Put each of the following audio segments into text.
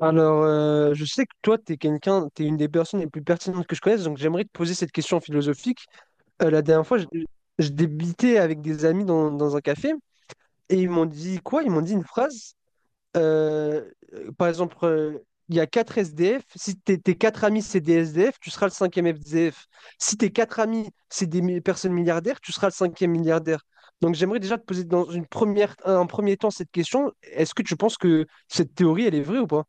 Alors, je sais que toi, tu es quelqu'un, tu une des personnes les plus pertinentes que je connaisse, donc j'aimerais te poser cette question philosophique. La dernière fois, je débitais avec des amis dans un café et ils m'ont dit quoi? Ils m'ont dit une phrase. Par exemple, il y a quatre SDF. Si tes quatre amis, c'est des SDF, tu seras le cinquième SDF. Si tes quatre amis, c'est des personnes milliardaires, tu seras le cinquième milliardaire. Donc, j'aimerais déjà te poser dans une première, un premier temps cette question. Est-ce que tu penses que cette théorie, elle est vraie ou pas?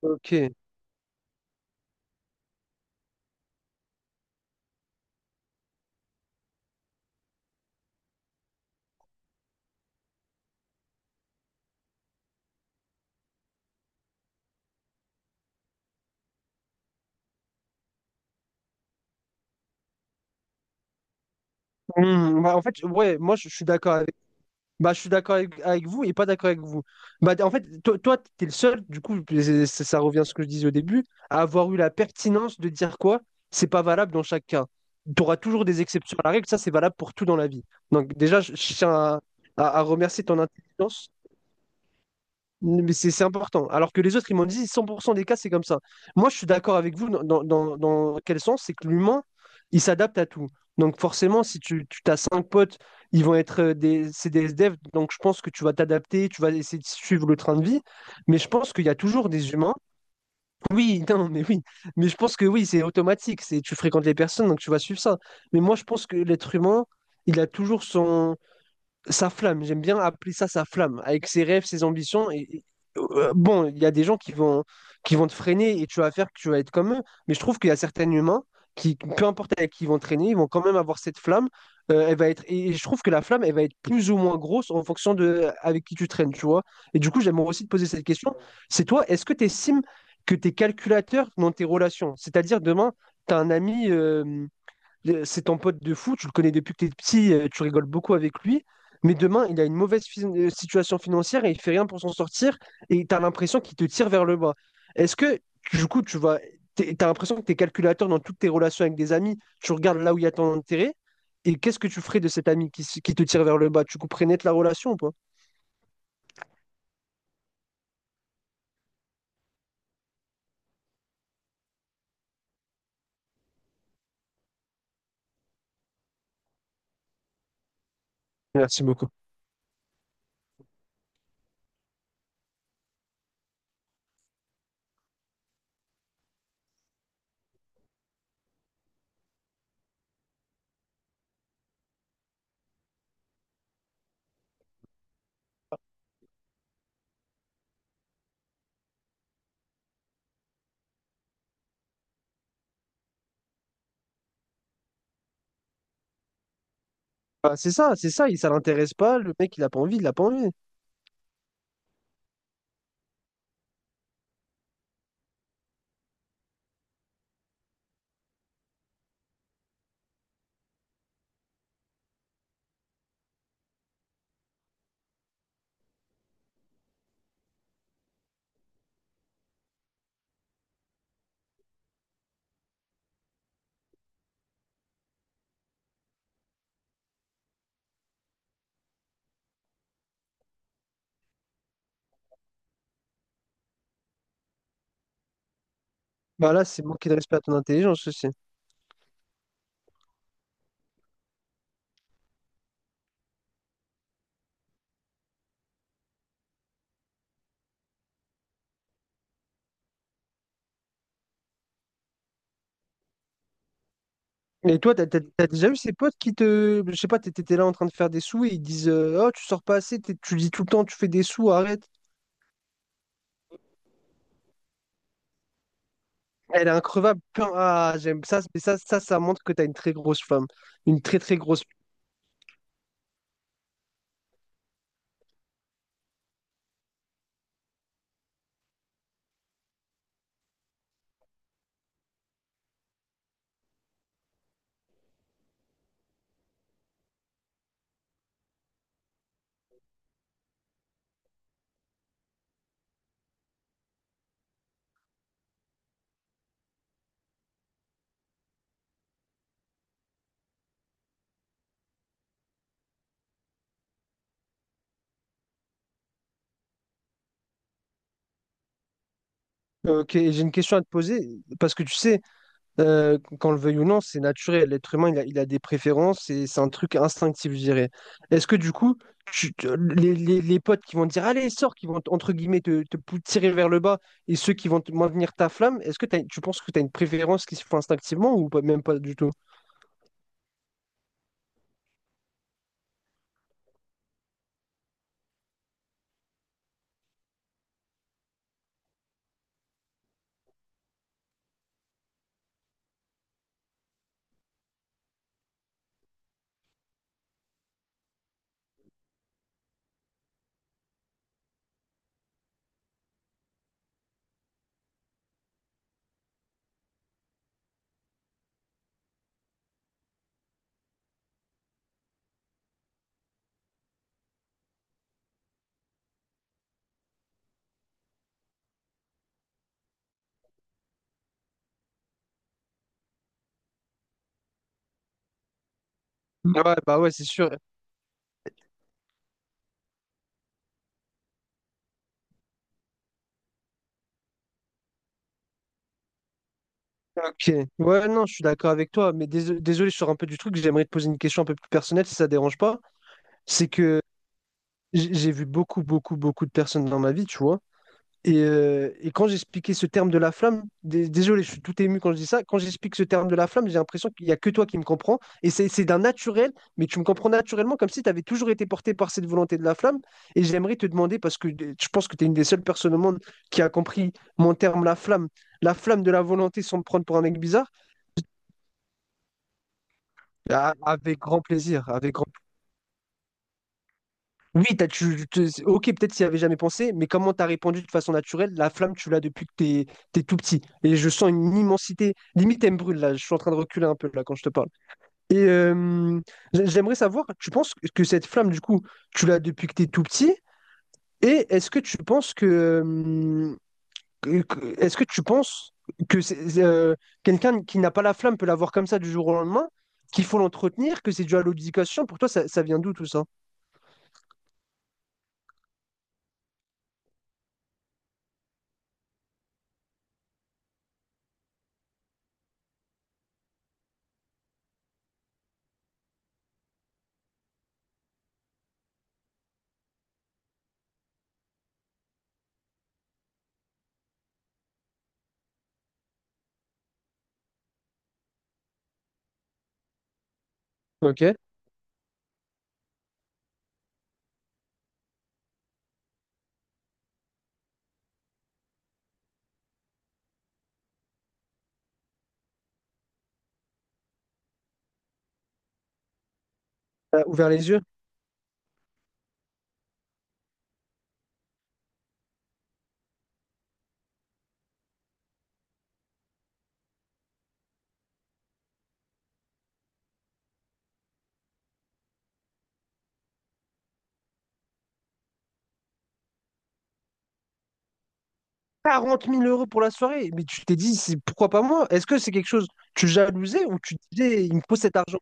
Ok. Hmm, bah, en fait, ouais, moi je suis d'accord avec, bah, je suis d'accord avec vous et pas d'accord avec vous. Bah, en fait, toi, t'es le seul, du coup, ça revient à ce que je disais au début, à avoir eu la pertinence de dire quoi, c'est pas valable dans chaque cas. Tu auras toujours des exceptions à la règle, ça c'est valable pour tout dans la vie. Donc, déjà, je tiens à, à remercier ton intelligence mais c'est important. Alors que les autres, ils m'ont dit 100% des cas, c'est comme ça. Moi, je suis d'accord avec vous dans quel sens? C'est que l'humain, il s'adapte à tout. Donc forcément, si tu as cinq potes, ils vont être c'est des SDF, donc je pense que tu vas t'adapter, tu vas essayer de suivre le train de vie. Mais je pense qu'il y a toujours des humains. Oui, non, mais oui. Mais je pense que oui, c'est automatique. C'est, tu fréquentes les personnes, donc tu vas suivre ça. Mais moi, je pense que l'être humain, il a toujours son sa flamme, j'aime bien appeler ça sa flamme, avec ses rêves, ses ambitions. Et, bon, il y a des gens qui vont te freiner et tu vas faire que tu vas être comme eux, mais je trouve qu'il y a certains humains qui, peu importe avec qui ils vont traîner, ils vont quand même avoir cette flamme. Elle va être, et je trouve que la flamme, elle va être plus ou moins grosse en fonction de avec qui tu traînes, tu vois. Et du coup, j'aimerais aussi te poser cette question. C'est toi, est-ce que tu estimes que tu es calculateur dans tes relations? C'est-à-dire, demain, tu as un ami. C'est ton pote de fou, tu le connais depuis que t'es petit, tu rigoles beaucoup avec lui. Mais demain, il a une mauvaise situation financière et il fait rien pour s'en sortir et tu as l'impression qu'il te tire vers le bas. Est-ce que, du coup, tu vas, t'as l'impression que tu es calculateur dans toutes tes relations avec des amis, tu regardes là où il y a ton intérêt et qu'est-ce que tu ferais de cet ami qui, qui te tire vers le bas? Tu couperais net la relation ou pas? Merci beaucoup. Bah, c'est ça, il, ça l'intéresse pas, le mec il a pas envie, il a pas envie. Bah là, c'est manquer de respect à ton intelligence aussi. Et toi, t'as déjà eu ces potes qui te. Je sais pas, t'étais là en train de faire des sous et ils disent oh, tu sors pas assez, tu dis tout le temps, tu fais des sous, arrête. Elle est increvable. Putain, ah, j'aime ça, mais ça montre que t'as une très grosse femme. Une très très grosse. Ok, j'ai une question à te poser, parce que tu sais, qu'on le veuille ou non, c'est naturel. L'être humain, il a des préférences et c'est un truc instinctif, je dirais. Est-ce que du coup, tu- tu- les, les potes qui vont te dire, allez, sors, qui vont, entre guillemets, tirer vers le bas, et ceux qui vont te maintenir ta flamme, est-ce que tu penses que tu as une préférence qui se fait instinctivement ou pas- même pas du tout? Ouais, bah ouais, c'est sûr. Ok. Ouais, non, je suis d'accord avec toi, mais désolé, je sors un peu du truc, j'aimerais te poser une question un peu plus personnelle, si ça te dérange pas. C'est que j'ai vu beaucoup, beaucoup, beaucoup de personnes dans ma vie, tu vois. Et quand j'expliquais ce terme de la flamme, désolé, je suis tout ému quand je dis ça, quand j'explique ce terme de la flamme, j'ai l'impression qu'il n'y a que toi qui me comprends. Et c'est d'un naturel, mais tu me comprends naturellement comme si tu avais toujours été porté par cette volonté de la flamme. Et j'aimerais te demander, parce que je pense que tu es une des seules personnes au monde qui a compris mon terme, la flamme de la volonté sans me prendre pour un mec bizarre. Ah, avec grand plaisir, avec grand oui, t'as, tu- c'est- ok, peut-être s'il y avait jamais pensé, mais comment t'as répondu de façon naturelle, la flamme, tu l'as depuis que t'es tout petit. Et je sens une immensité. Limite, elle me brûle, là. Je suis en train de reculer un peu, là, quand je te parle. Et j'aimerais savoir, tu penses que cette flamme, du coup, tu l'as depuis que t'es tout petit? Et est-ce que tu penses que, est-ce que tu penses que c'est, quelqu'un qui n'a pas la flamme peut l'avoir comme ça du jour au lendemain, qu'il faut l'entretenir, que c'est dû à l'éducation? Pour toi, ça vient d'où tout ça? Ok. T'as ouvert les yeux. 40 000 euros pour la soirée. Mais tu t'es dit, c'est pourquoi pas moi? Est-ce que c'est quelque chose, tu jalousais ou tu disais, il me faut cet argent?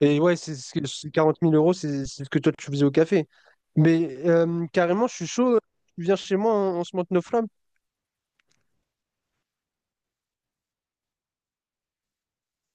Et ouais, c'est ce que- c'est 40 000 euros, c'est ce que toi tu faisais au café. Mais carrément, je suis chaud. Tu viens chez moi, on se monte nos flammes.